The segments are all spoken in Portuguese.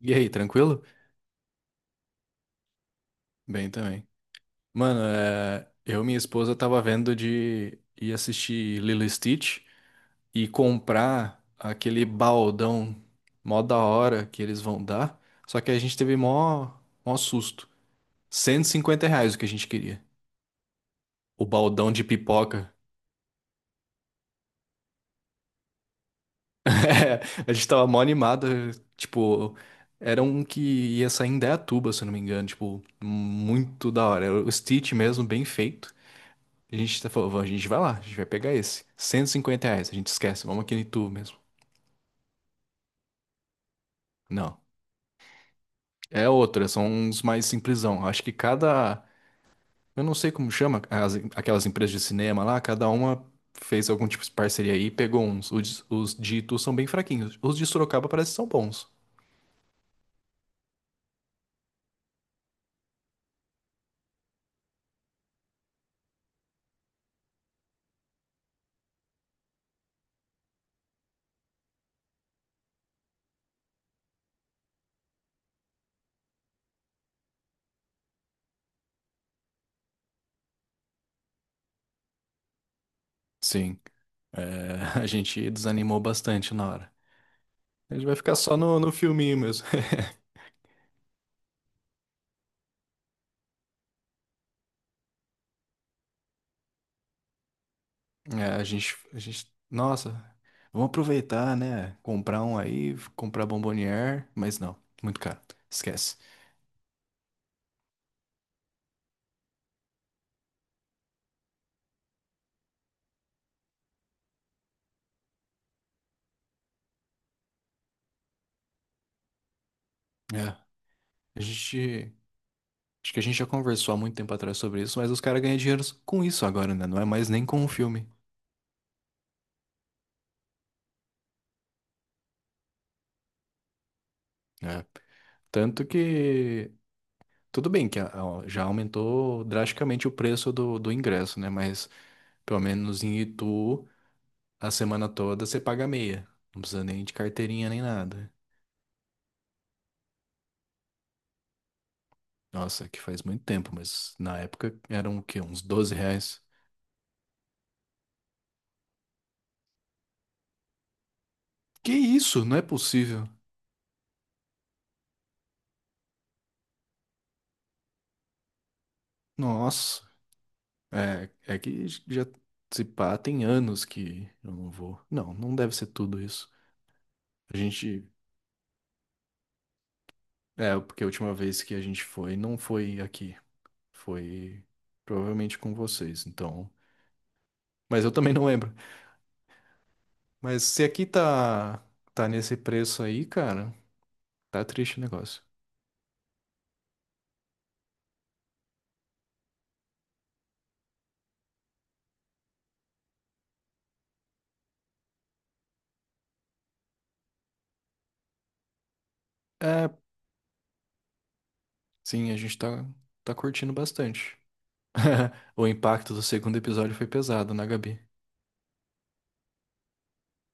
E aí, tranquilo? Bem também. Mano, é, eu e minha esposa tava vendo de ir assistir Lilo e Stitch e comprar aquele baldão mó da hora que eles vão dar. Só que a gente teve mó susto. Cento e cinquenta reais o que a gente queria. O baldão de pipoca. É, a gente tava mó animado. Tipo, era um que ia sair em Indaiatuba, se eu não me engano. Tipo, muito da hora. Era o Stitch mesmo, bem feito. A gente tá falando, a gente vai lá, a gente vai pegar esse. Cento e cinquenta reais, a gente esquece, vamos aqui no Itu mesmo. Não. É outra, são uns mais simplesão. Acho que cada. Eu não sei como chama, aquelas empresas de cinema lá, cada uma fez algum tipo de parceria aí e pegou uns. Os de Itu são bem fraquinhos. Os de Sorocaba parece que são bons. Sim. É, a gente desanimou bastante na hora. A gente vai ficar só no filminho mesmo. É, a gente, nossa, vamos aproveitar, né? Comprar um aí, comprar bombonier, mas não, muito caro, esquece. É, a gente, acho que a gente já conversou há muito tempo atrás sobre isso, mas os caras ganham dinheiro com isso agora, né? Não é mais nem com o filme. Né? Tanto que, tudo bem que já aumentou drasticamente o preço do ingresso, né? Mas pelo menos em Itu, a semana toda você paga meia, não precisa nem de carteirinha nem nada. Nossa, que faz muito tempo, mas na época eram o quê? Uns doze reais. Que isso? Não é possível. Nossa, é que já se pá, tem anos que eu não vou. Não, não deve ser tudo isso. A gente. É, porque a última vez que a gente foi, não foi aqui. Foi provavelmente com vocês, então. Mas eu também não lembro. Mas se aqui tá nesse preço aí, cara, tá triste o negócio. É, sim, a gente tá curtindo bastante. O impacto do segundo episódio foi pesado, na Gabi?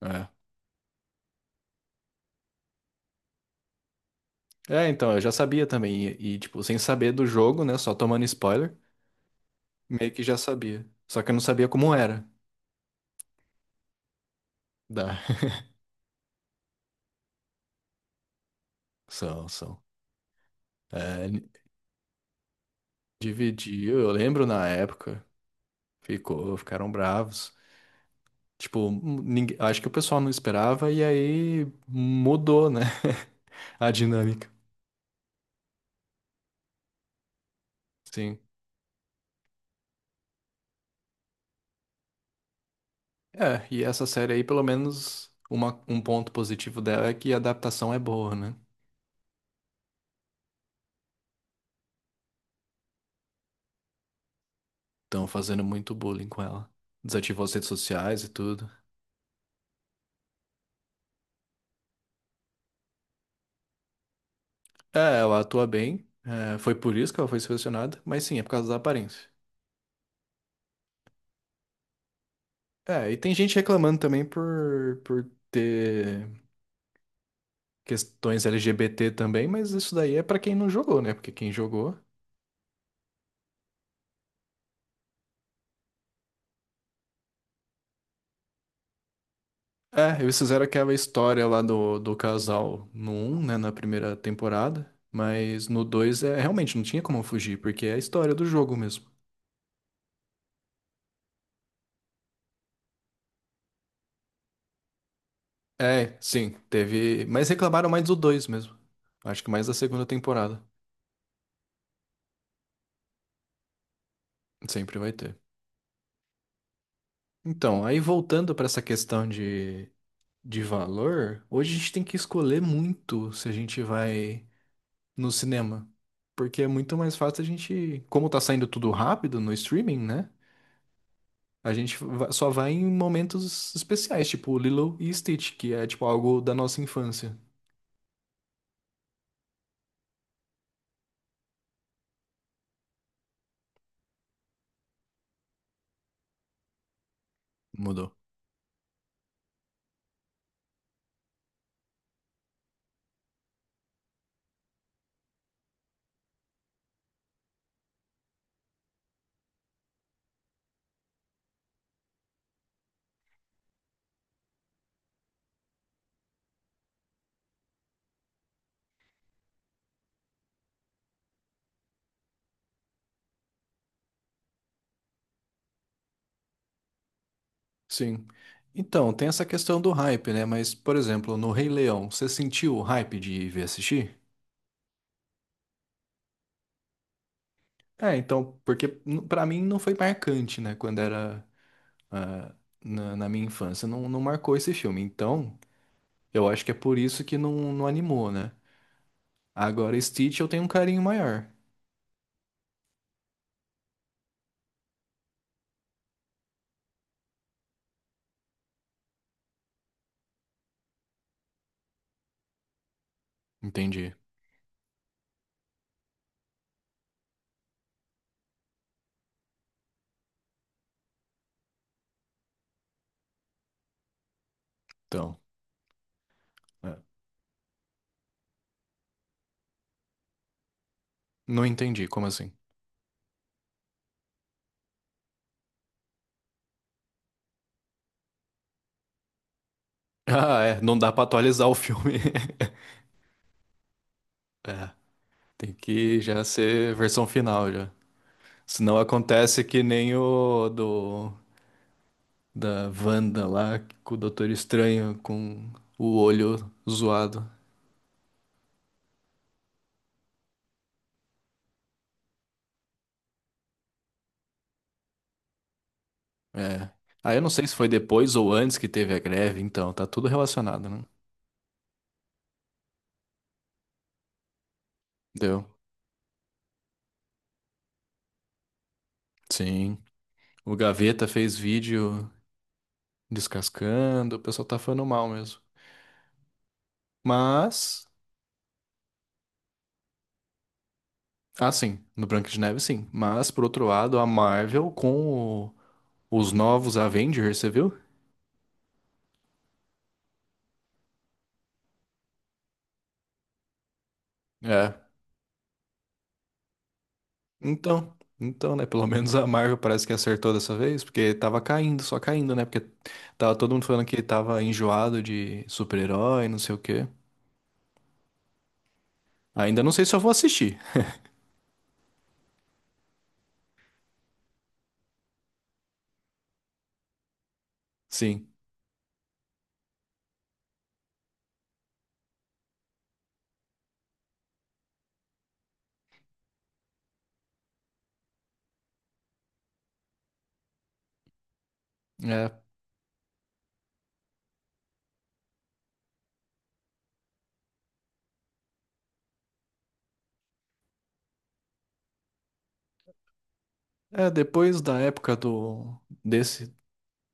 É. É, então, eu já sabia também. E, tipo, sem saber do jogo, né? Só tomando spoiler, meio que já sabia. Só que eu não sabia como era. Dá. São, são. É, dividiu, eu lembro na época. Ficou, ficaram bravos. Tipo, ninguém, acho que o pessoal não esperava e aí mudou, né? A dinâmica. Sim. É, e essa série aí, pelo menos, uma, um ponto positivo dela é que a adaptação é boa, né? Estão fazendo muito bullying com ela. Desativou as redes sociais e tudo. É, ela atua bem. É, foi por isso que ela foi selecionada, mas sim, é por causa da aparência. É, e tem gente reclamando também por ter questões LGBT também, mas isso daí é pra quem não jogou, né? Porque quem jogou. É, eles fizeram aquela história lá do casal no um, né? Na primeira temporada. Mas no 2 é, realmente não tinha como fugir, porque é a história do jogo mesmo. É, sim, teve. Mas reclamaram mais do 2 mesmo. Acho que mais da segunda temporada. Sempre vai ter. Então, aí voltando pra essa questão de valor, hoje a gente tem que escolher muito se a gente vai no cinema. Porque é muito mais fácil a gente. Como tá saindo tudo rápido no streaming, né? A gente só vai em momentos especiais, tipo Lilo e Stitch, que é tipo algo da nossa infância. Mudou. Sim. Então, tem essa questão do hype, né? Mas, por exemplo, no Rei Leão, você sentiu o hype de ver assistir? É, então, porque pra mim não foi marcante, né? Quando era ah, na minha infância, não, não marcou esse filme. Então, eu acho que é por isso que não, não animou, né? Agora, Stitch eu tenho um carinho maior. Entendi. Então, é. Não entendi, como assim? Ah, é, não dá pra atualizar o filme. É, tem que já ser versão final já. Senão acontece que nem o do da Wanda lá, com o Doutor Estranho com o olho zoado. É. Ah, eu não sei se foi depois ou antes que teve a greve, então tá tudo relacionado, né? Deu. Sim. O Gaveta fez vídeo descascando, o pessoal tá falando mal mesmo. Mas, ah, sim, no Branca de Neve sim, mas por outro lado, a Marvel com os novos Avengers, você viu? É. Então, então, né? Pelo menos a Marvel parece que acertou dessa vez, porque tava caindo, só caindo, né? Porque tava todo mundo falando que tava enjoado de super-herói, não sei o quê. Ainda não sei se eu vou assistir. Sim. É, é, depois da época do desse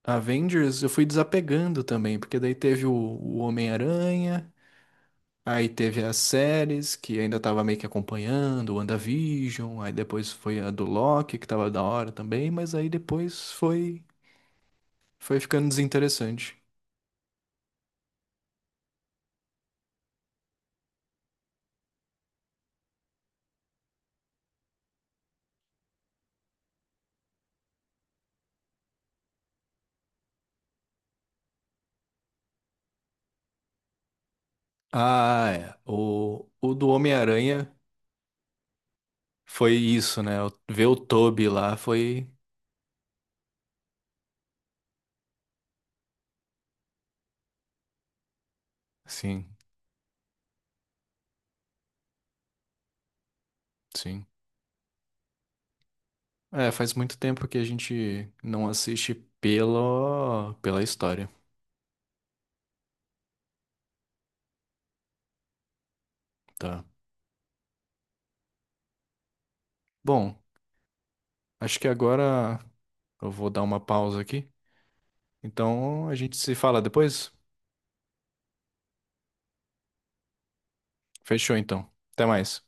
Avengers, eu fui desapegando também, porque daí teve o Homem-Aranha, aí teve as séries que ainda tava meio que acompanhando, o WandaVision, aí depois foi a do Loki, que tava da hora também, mas aí depois foi ficando desinteressante. Ah, é. O do Homem-Aranha foi isso, né? Ver o Toby lá foi. Sim, sim. É, faz muito tempo que a gente não assiste pela história, tá? Bom, acho que agora eu vou dar uma pausa aqui. Então a gente se fala depois? Fechou então. Até mais.